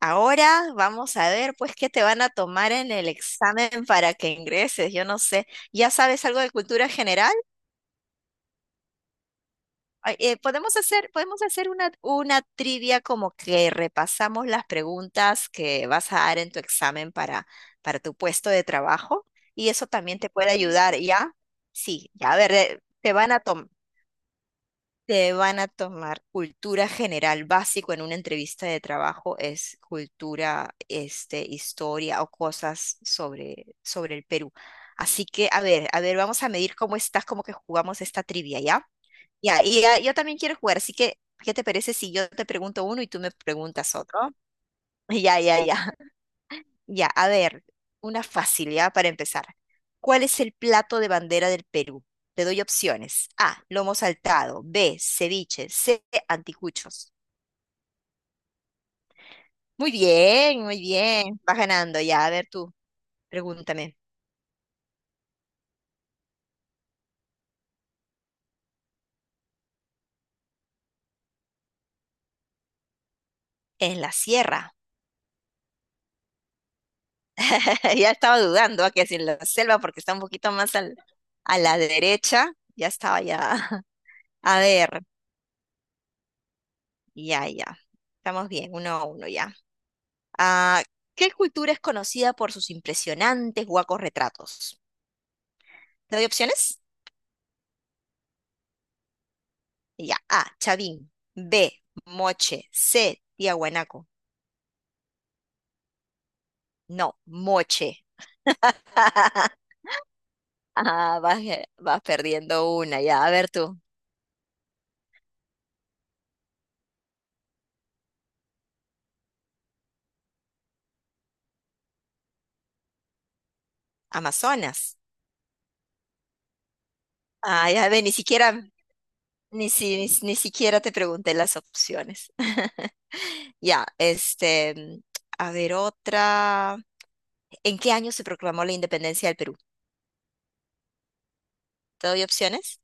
Ahora vamos a ver, pues, qué te van a tomar en el examen para que ingreses. Yo no sé. ¿Ya sabes algo de cultura general? Ay, podemos hacer una trivia, como que repasamos las preguntas que vas a dar en tu examen para, tu puesto de trabajo, y eso también te puede ayudar, ¿ya? Sí, ya, a ver, te van a tomar. Te van a tomar cultura general básico en una entrevista de trabajo, es cultura, este, historia o cosas sobre el Perú. Así que, a ver, vamos a medir cómo estás, como que jugamos esta trivia, ¿ya? Ya, y ya, yo también quiero jugar, así que, ¿qué te parece si yo te pregunto uno y tú me preguntas otro? Ya, ya, ya. Ya, a ver, una facilidad para empezar. ¿Cuál es el plato de bandera del Perú? Te doy opciones. A, lomo saltado. B, ceviche. C, anticuchos. Muy bien, muy bien. Vas ganando ya. A ver, tú, pregúntame. En la sierra. Ya estaba dudando a que si en la selva porque está un poquito más a la derecha. Ya estaba ya. A ver, ya, ya. Estamos bien, uno a uno ya. Ah, ¿qué cultura es conocida por sus impresionantes huacos retratos? ¿Te doy opciones? Y ya. A, Chavín. B, Moche. C, Tiahuanaco. No, Moche. Ah, vas perdiendo una, ya. A ver, tú. Amazonas. Ah, ya ve, ni siquiera, ni, si- ni, ni siquiera te pregunté las opciones. Ya, este, a ver otra. ¿En qué año se proclamó la independencia del Perú? ¿Te doy opciones?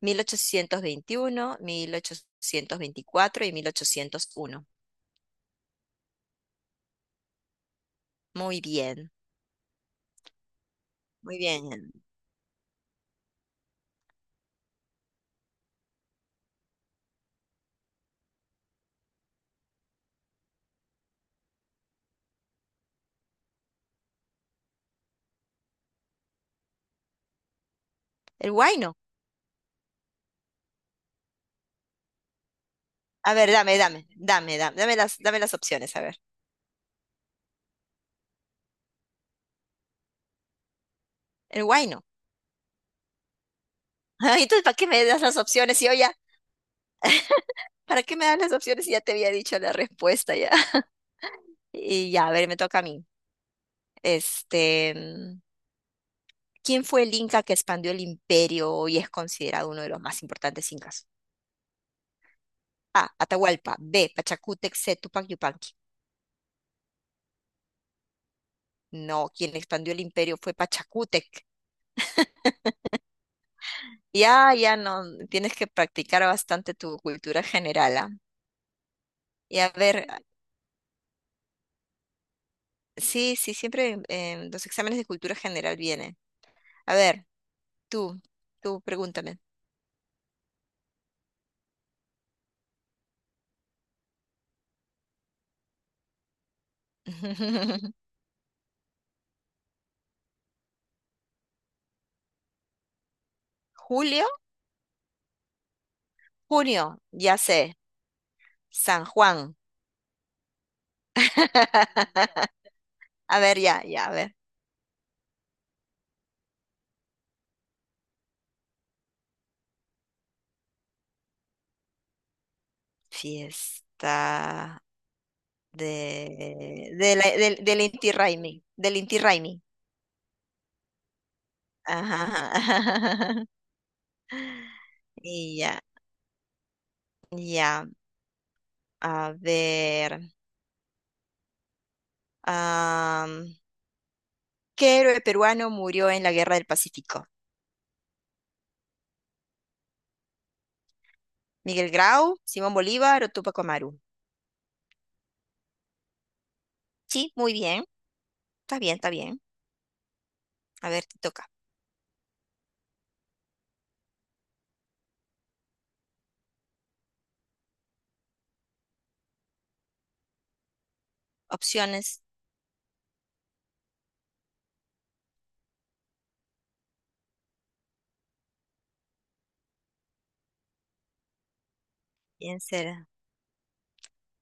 1821, 1824 y 1801. Muy bien, muy bien. El guayno. A ver, dame las opciones, a ver. El guayno. Ay, entonces, ¿para qué me das las opciones si yo ya…? ¿Para qué me das las opciones si ya te había dicho la respuesta ya? Y ya, a ver, me toca a mí. Este, ¿quién fue el inca que expandió el imperio y es considerado uno de los más importantes incas? A. Atahualpa. B. Pachacútec. C. Tupac Yupanqui. No, quien expandió el imperio fue Pachacútec. Ya, ya no, tienes que practicar bastante tu cultura general, ¿ah? Y a ver, ah, sí, sí, siempre en los exámenes de cultura general vienen. A ver, tú, tú pregúntame. ¿Julio? Junio, ya sé. San Juan. A ver, ya, ya, a ver. Fiesta del Inti Raymi, del Inti Raymi. Ajá. Y ya, ya, a ver. Am, ¿Qué héroe peruano murió en la Guerra del Pacífico? ¿Miguel Grau, Simón Bolívar o Tupac Amaru? Sí, muy bien. Está bien, está bien. A ver, te toca. Opciones. ¿Quién será?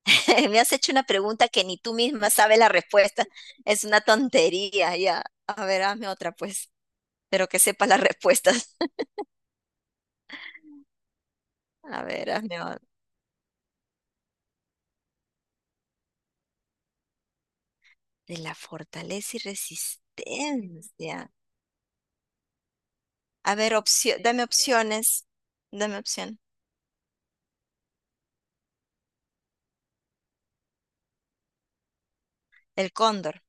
Me has hecho una pregunta que ni tú misma sabes la respuesta. Es una tontería, ya. A ver, hazme otra, pues. Pero que sepa las respuestas. A ver, hazme otra. De la fortaleza y resistencia. A ver, dame opciones. Dame opción. El cóndor,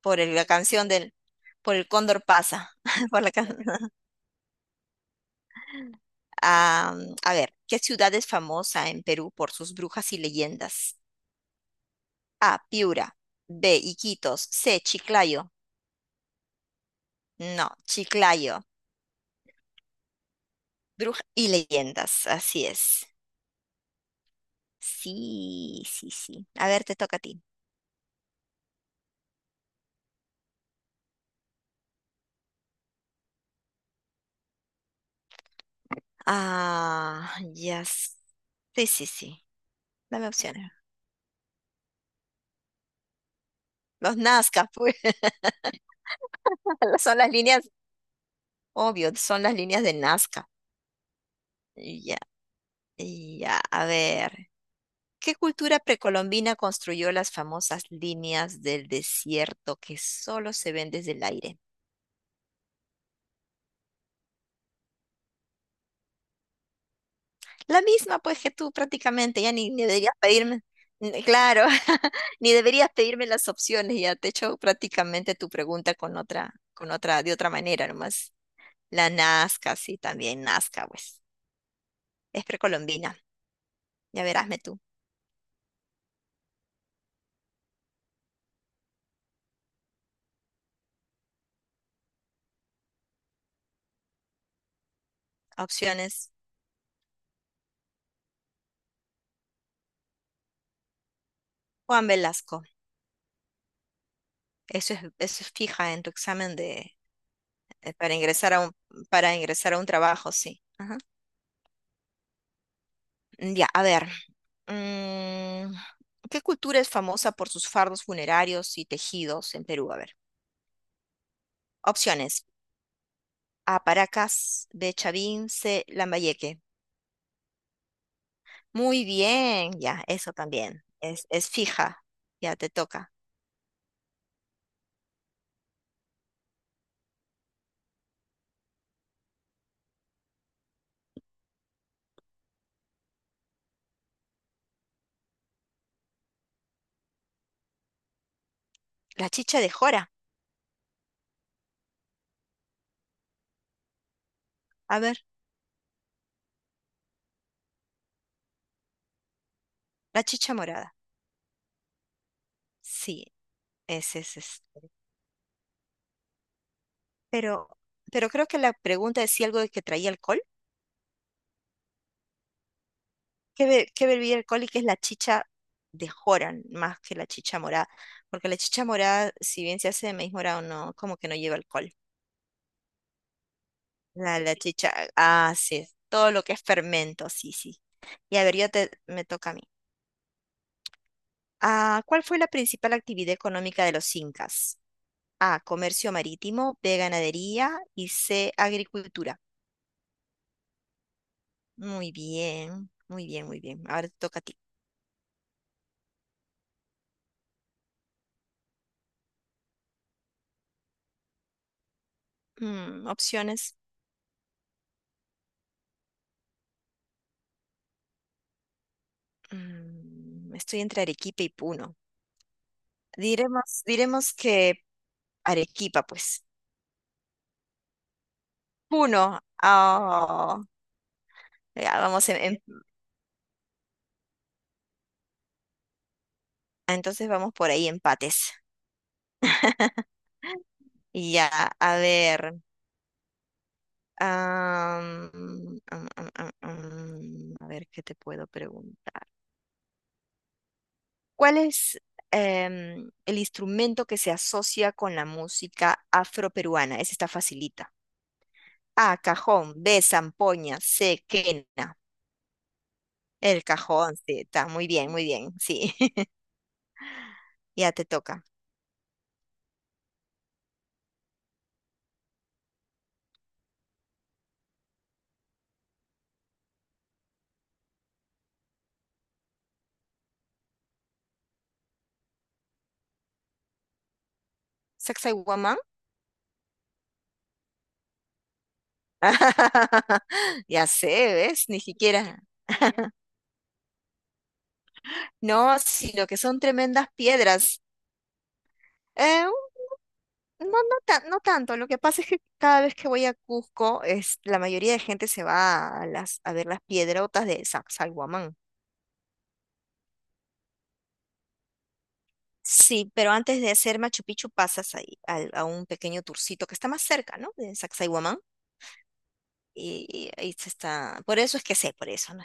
la canción del... Por el cóndor pasa. Por la ca- Ah, a ver, ¿qué ciudad es famosa en Perú por sus brujas y leyendas? A. Piura. B. Iquitos. C. Chiclayo. No, Chiclayo. Brujas y leyendas. Así es. Sí, sí, sí. A ver, te toca a ti. Ah, ya. Sí, sí, sí. Dame opciones. Los Nazca, pues. Son las líneas, obvio, son las líneas de Nazca. Ya, ya. A ver. ¿Qué cultura precolombina construyó las famosas líneas del desierto que solo se ven desde el aire? La misma, pues, que tú prácticamente, ya ni deberías pedirme, claro, ni deberías pedirme las opciones, ya te he hecho prácticamente tu pregunta con otra, de otra manera nomás. La Nazca, sí, también Nazca, pues, es precolombina, ya verásme tú. Opciones, Juan Velasco, eso es fija en tu examen de, eh, para ingresar a un, para ingresar a un trabajo, sí. Ajá. Ya, a ver, mm, ¿qué cultura es famosa por sus fardos funerarios y tejidos en Perú? A ver, opciones. A, Paracas, B, Chavín, C, Lambayeque. Muy bien, ya, eso también. Es fija, ya te toca. La chicha de jora, a ver, la chicha morada. Sí, ese es. Pero, pero creo que la pregunta decía algo de que traía alcohol. ¿Qué bebida alcohólica es la chicha de Joran más que la chicha morada? Porque la chicha morada, si bien se hace de maíz morado, no, como que no lleva alcohol. La chicha, ah, sí, todo lo que es fermento, sí, sí. Y a ver, me toca a mí. Ah, ¿cuál fue la principal actividad económica de los incas? A, comercio marítimo, B, ganadería y C, agricultura. Muy bien, muy bien, muy bien. Ahora te toca a ti. Opciones. Estoy entre Arequipa y Puno. Diremos que Arequipa, pues. Uno. Ah, ya, entonces vamos por ahí empates. Y ya, a ver. am, a ver qué te puedo preguntar. ¿Cuál es el instrumento que se asocia con la música afroperuana? Ese está facilita. A, cajón, B, zampoña, C, quena. El cajón, sí, está muy bien, sí. Ya te toca. Sacsayhuamán. Ya sé, ¿ves? Ni siquiera. No, sí, lo que son tremendas piedras. Eh, un- no, no, no tanto. Lo que pasa es que cada vez que voy a Cusco, la mayoría de gente se va a ver las piedrotas de Sa- Sí, pero antes de hacer Machu Picchu pasas ahí un pequeño turcito que está más cerca, ¿no? De Sacsayhuamán. Y ahí se está. Por eso es que sé, por eso. ¿No?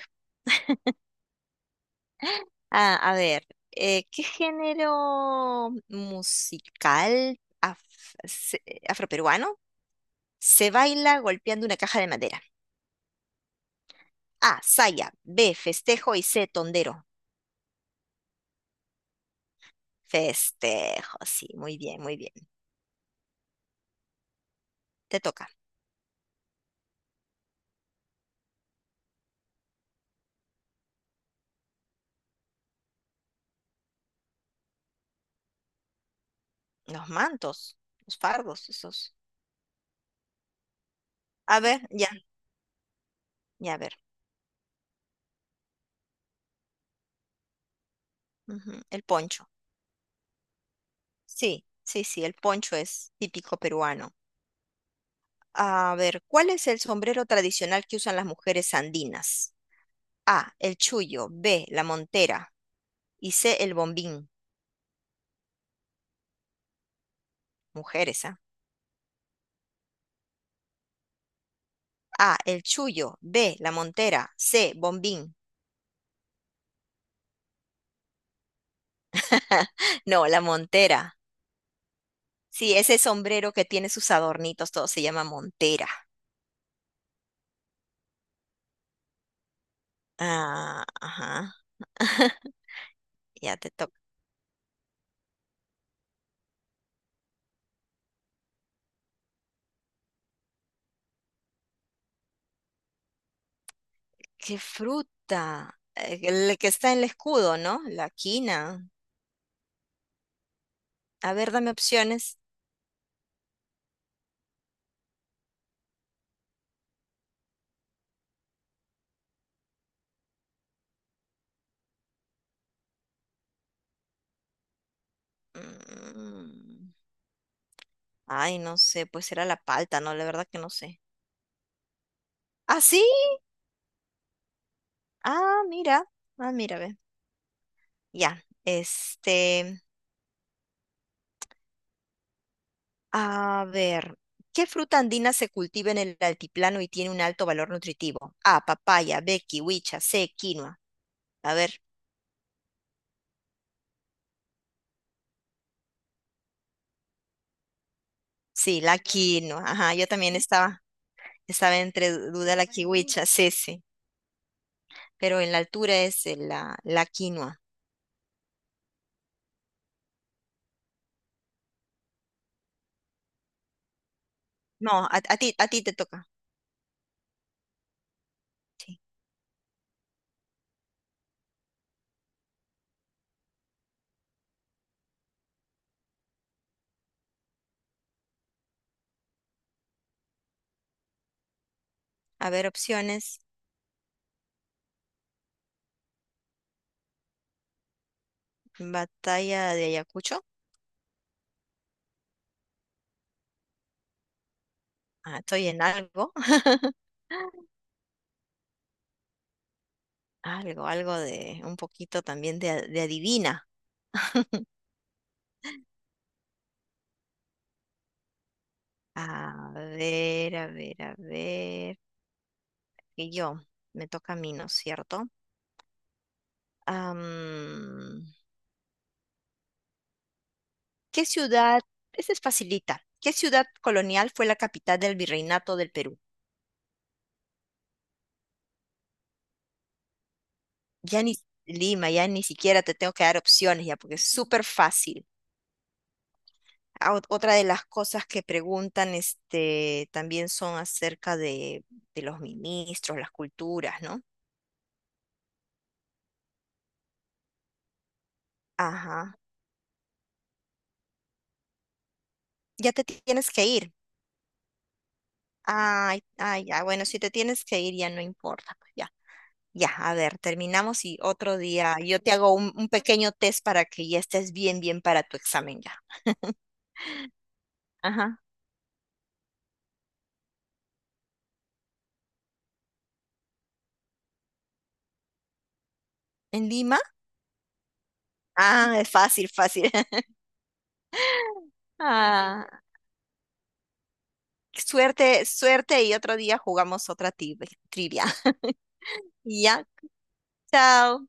Ah, a ver, ¿qué género musical se- afroperuano se baila golpeando una caja de madera? A, saya, B, festejo y C, tondero. Festejo, sí, muy bien, muy bien. Te toca. Los mantos, los fardos, esos. A ver, ya, ya, a ver. Ujú, el poncho. Sí, sí, sí, el poncho es típico peruano. A ver, ¿cuál es el sombrero tradicional que usan las mujeres andinas? A, el chullo, B, la montera y C, el bombín. Mujeres, ¿ah? ¿Eh? A, el chullo, B, la montera, C, bombín. No, la montera. Sí, ese sombrero que tiene sus adornitos, todo se llama montera. Ah, ajá. Ya te toca. ¿Qué fruta? El que está en el escudo, ¿no? La quina. A ver, dame opciones. Mm, Ay, no sé, pues era la palta, ¿no? La verdad que no sé. Ah, sí. Ah, mira. Ah, mira, ve. Ya, este, a ver, ¿qué fruta andina se cultiva en el altiplano y tiene un alto valor nutritivo? A, papaya, B, kiwicha, C, quinoa. A ver, sí, la quinoa. Ajá, yo también estaba, entre duda la kiwicha, sí, sí, pero en la altura es la quinoa. No, a ti, a ti te toca. Sí. A ver, opciones. Batalla de Ayacucho. Ah, estoy en algo, algo de un poquito también de adivina. A ver, a ver, a ver. Que yo, me toca a mí, ¿no es cierto? Am, ¿qué ciudad? Esta es facilita. ¿Qué ciudad colonial fue la capital del virreinato del Perú? Ya ni Lima, ya ni siquiera te tengo que dar opciones ya, porque es súper fácil. Ah, otra de las cosas que preguntan, este, también son acerca de, los ministros, las culturas, ¿no? Ajá. Ya te tienes que ir. Ay, ay, ya, bueno, si te tienes que ir, ya no importa, pues, ya. Ya, a ver, terminamos y otro día yo te hago un, pequeño test para que ya estés bien, bien para tu examen ya. Ajá. ¿En Lima? Ah, es fácil, fácil. Ah, suerte, suerte y otro día jugamos otra trivia. Ya, chao.